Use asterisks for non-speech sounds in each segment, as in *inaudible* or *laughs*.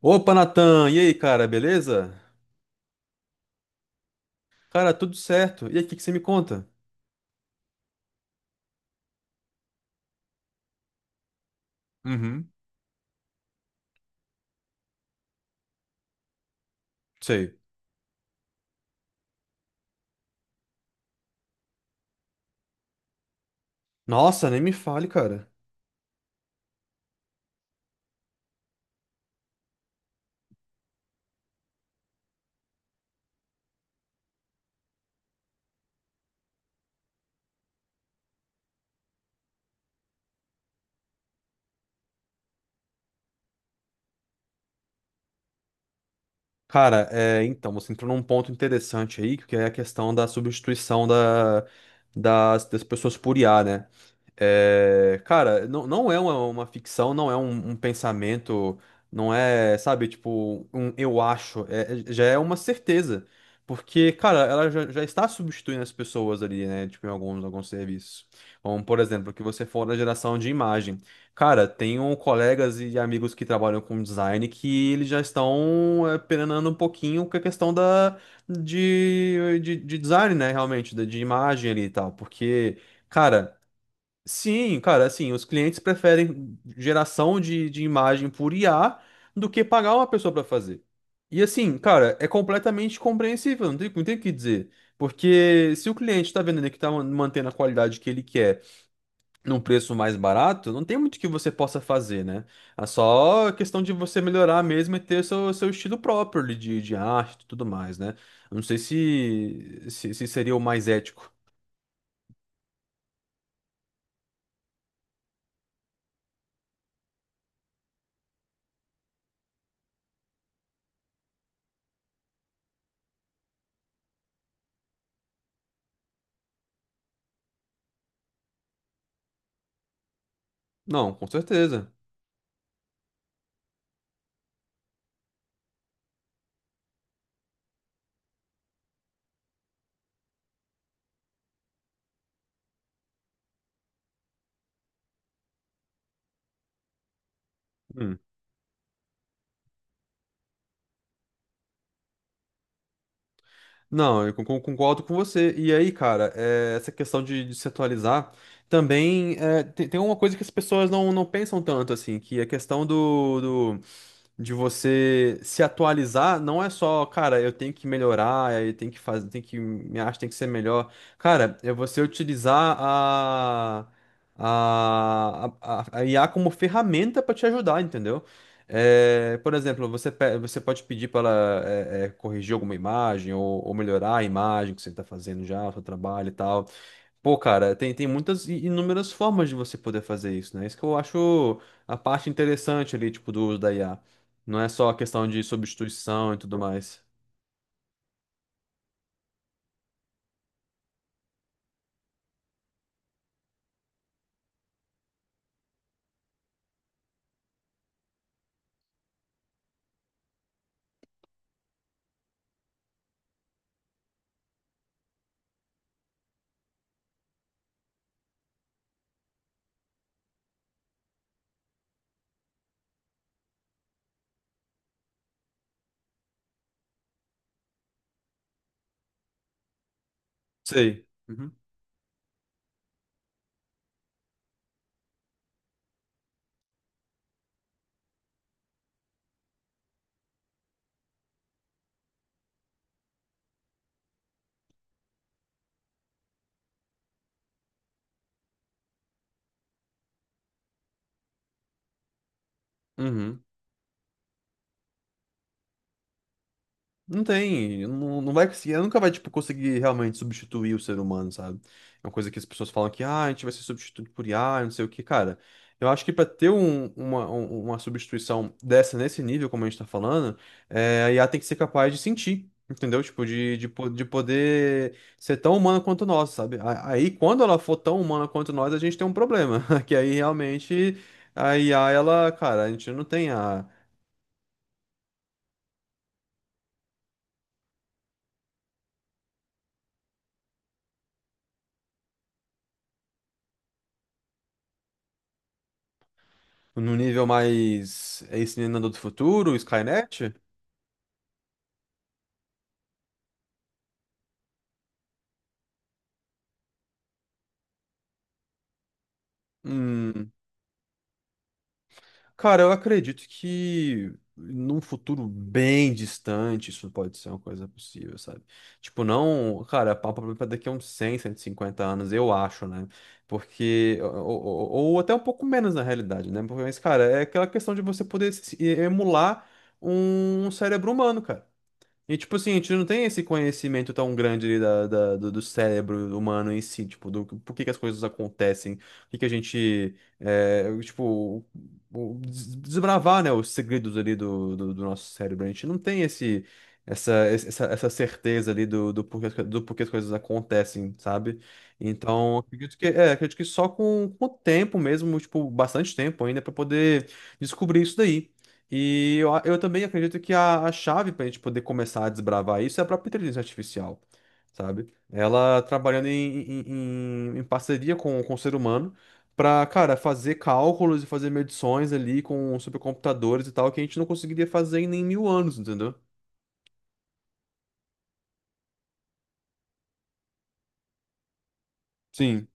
Opa, Natan! E aí, cara, beleza? Cara, tudo certo. E aí, o que que você me conta? Uhum. Sei. Nossa, nem me fale, cara. Cara, é, então, você entrou num ponto interessante aí, que é a questão da substituição das pessoas por IA, né? É, cara, não, não é uma ficção, não é um pensamento, não é, sabe, tipo, um eu acho, já é uma certeza. Porque, cara, ela já está substituindo as pessoas ali, né? Tipo, em alguns serviços. Como, por exemplo, que você for da geração de imagem. Cara, tenho colegas e amigos que trabalham com design que eles já estão é, penando um pouquinho com a questão de design, né? Realmente, de imagem ali e tal. Porque. Cara, sim, cara, assim, os clientes preferem geração de imagem por IA do que pagar uma pessoa para fazer. E assim, cara, é completamente compreensível, não tem o que dizer. Porque se o cliente está vendo ali que está mantendo a qualidade que ele quer num preço mais barato, não tem muito que você possa fazer, né? É só questão de você melhorar mesmo e ter seu estilo próprio ali de arte e tudo mais, né? Eu não sei se seria o mais ético. Não, com certeza. Hum. Não, eu concordo com você. E aí, cara, é, essa questão de se atualizar também é, tem uma coisa que as pessoas não, não pensam tanto, assim, que é a questão do de você se atualizar, não é só, cara, eu tenho que melhorar, eu tenho que fazer, tenho que minha arte tem que ser melhor. Cara, é você utilizar a IA como ferramenta para te ajudar, entendeu? É, por exemplo, você, você pode pedir para ela corrigir alguma imagem ou melhorar a imagem que você está fazendo já, o seu trabalho e tal. Pô, cara, tem muitas e inúmeras formas de você poder fazer isso, né? Isso que eu acho a parte interessante ali, tipo, do uso da IA. Não é só a questão de substituição e tudo mais. Sei. Uhum. Uhum. Não tem, não, não vai conseguir, ela nunca vai, tipo, conseguir realmente substituir o ser humano, sabe? É uma coisa que as pessoas falam que, ah, a gente vai ser substituído por IA, não sei o que, cara. Eu acho que pra ter uma substituição dessa, nesse nível, como a gente tá falando, é, a IA tem que ser capaz de sentir, entendeu? Tipo, de poder ser tão humana quanto nós, sabe? Aí, quando ela for tão humana quanto nós, a gente tem um problema, *laughs* que aí realmente a IA, ela, cara, a gente não tem a no nível mais. É esse Exterminador do Futuro, Skynet? Hum. Cara, eu acredito que num futuro bem distante isso pode ser uma coisa possível, sabe? Tipo, não. Cara, papo pra daqui a uns 100, 150 anos, eu acho, né? Porque. Ou até um pouco menos na realidade, né? Porque, mas, cara, é aquela questão de você poder emular um cérebro humano, cara. E, tipo assim, a gente não tem esse conhecimento tão grande ali do, do cérebro humano em si, tipo, do por que que as coisas acontecem, o que que a gente, é, tipo, desbravar, né, os segredos ali do nosso cérebro. A gente não tem essa certeza ali do, do porquê, do porquê as coisas acontecem, sabe? Então, acredito que, é, acredito que só com o tempo mesmo, tipo, bastante tempo ainda, para poder descobrir isso daí. E eu, eu também acredito que a chave para a gente poder começar a desbravar isso é a própria inteligência artificial, sabe? Ela trabalhando em parceria com o ser humano para, cara, fazer cálculos e fazer medições ali com supercomputadores e tal que a gente não conseguiria fazer em nem 1.000 anos, entendeu? Sim.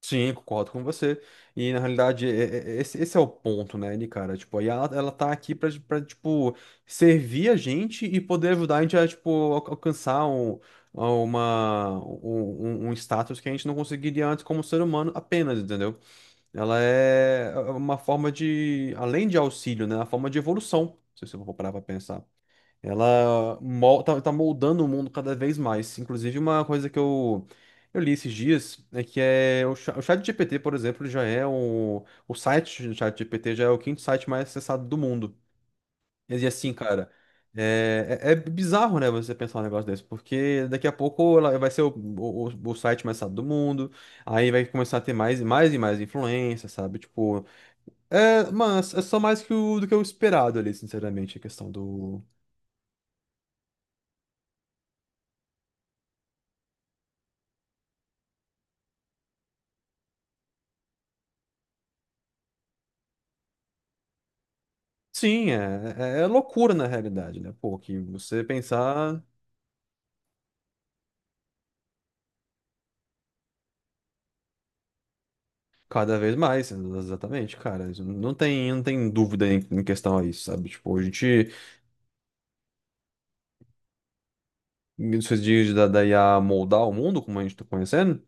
Sim, concordo com você. E na realidade, esse, esse é o ponto, né, Ni, cara? Tipo, aí ela tá aqui pra, tipo, servir a gente e poder ajudar a gente a, tipo, alcançar um, a uma, um status que a gente não conseguiria antes como ser humano apenas, entendeu? Ela é uma forma de, além de auxílio, né, uma forma de evolução, se você for parar pra pensar. Ela tá moldando o mundo cada vez mais. Inclusive, uma coisa que eu li esses dias é que é o ChatGPT, por exemplo, já é o site do ChatGPT já é o quinto site mais acessado do mundo. E assim, cara, é bizarro, né, você pensar um negócio desse, porque daqui a pouco ela vai ser o site mais acessado do mundo, aí vai começar a ter mais e mais e mais influência, sabe? Tipo, é, mas é só mais que o, do que o esperado ali, sinceramente, a questão sim, é, é loucura na realidade, né? Pô, que você pensar cada vez mais, né? Exatamente, cara. Isso não tem, não tem dúvida em questão a isso, sabe? Tipo, a gente, nesses dias da IA moldar o mundo, como a gente tá conhecendo,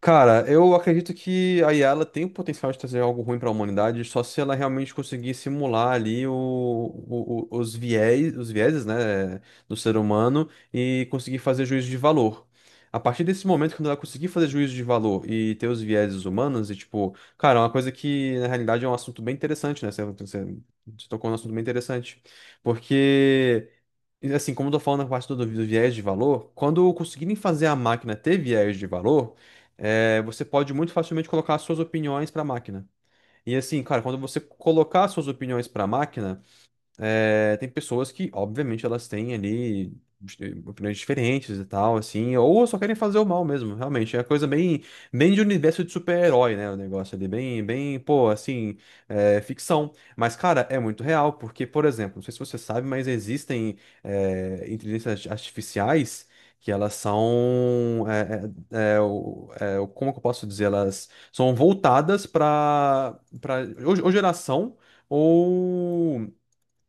cara, eu acredito que a IA ela tem o potencial de trazer algo ruim para a humanidade, só se ela realmente conseguir simular ali os viés, os vieses, né, do ser humano e conseguir fazer juízo de valor. A partir desse momento, quando ela conseguir fazer juízo de valor e ter os vieses humanos, e tipo, cara, é uma coisa que na realidade é um assunto bem interessante, né? Você, você tocou num assunto bem interessante. Porque. E, assim, como eu tô falando na parte do, do viés de valor, quando conseguirem fazer a máquina ter viés de valor, é, você pode muito facilmente colocar as suas opiniões para a máquina. E assim, cara, quando você colocar as suas opiniões para a máquina, é, tem pessoas que, obviamente, elas têm ali eh, opiniões diferentes e tal, assim, ou só querem fazer o mal mesmo, realmente. É coisa bem, bem de universo de super-herói, né? O negócio ali, bem, bem, pô, assim, é, ficção. Mas, cara, é muito real, porque, por exemplo, não sei se você sabe, mas existem é, inteligências artificiais. Que elas são. Como que eu posso dizer? Elas são voltadas para ou geração, ou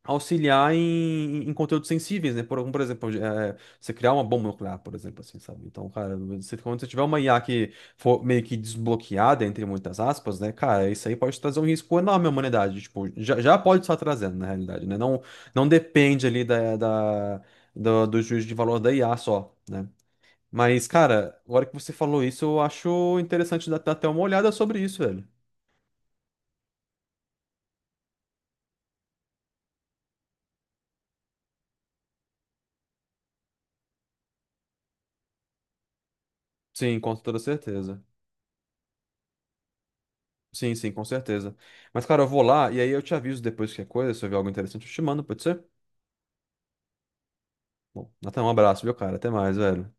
auxiliar em conteúdos sensíveis, né? Por, por exemplo, você criar uma bomba nuclear, por exemplo, assim, sabe? Então, cara, você, quando você tiver uma IA que for meio que desbloqueada, entre muitas aspas, né? Cara, isso aí pode trazer um risco enorme à humanidade. Tipo, já pode estar trazendo, na realidade, né? Não, não depende ali do juízo de valor da IA só, né? Mas, cara, agora que você falou isso, eu acho interessante dar até uma olhada sobre isso, velho. Sim, com toda certeza. Sim, sim, com certeza. Mas, cara, eu vou lá e aí eu te aviso depois que é coisa, se eu ver algo interessante, eu te mando, pode ser? Bom, até um abraço, viu, cara? Até mais, velho.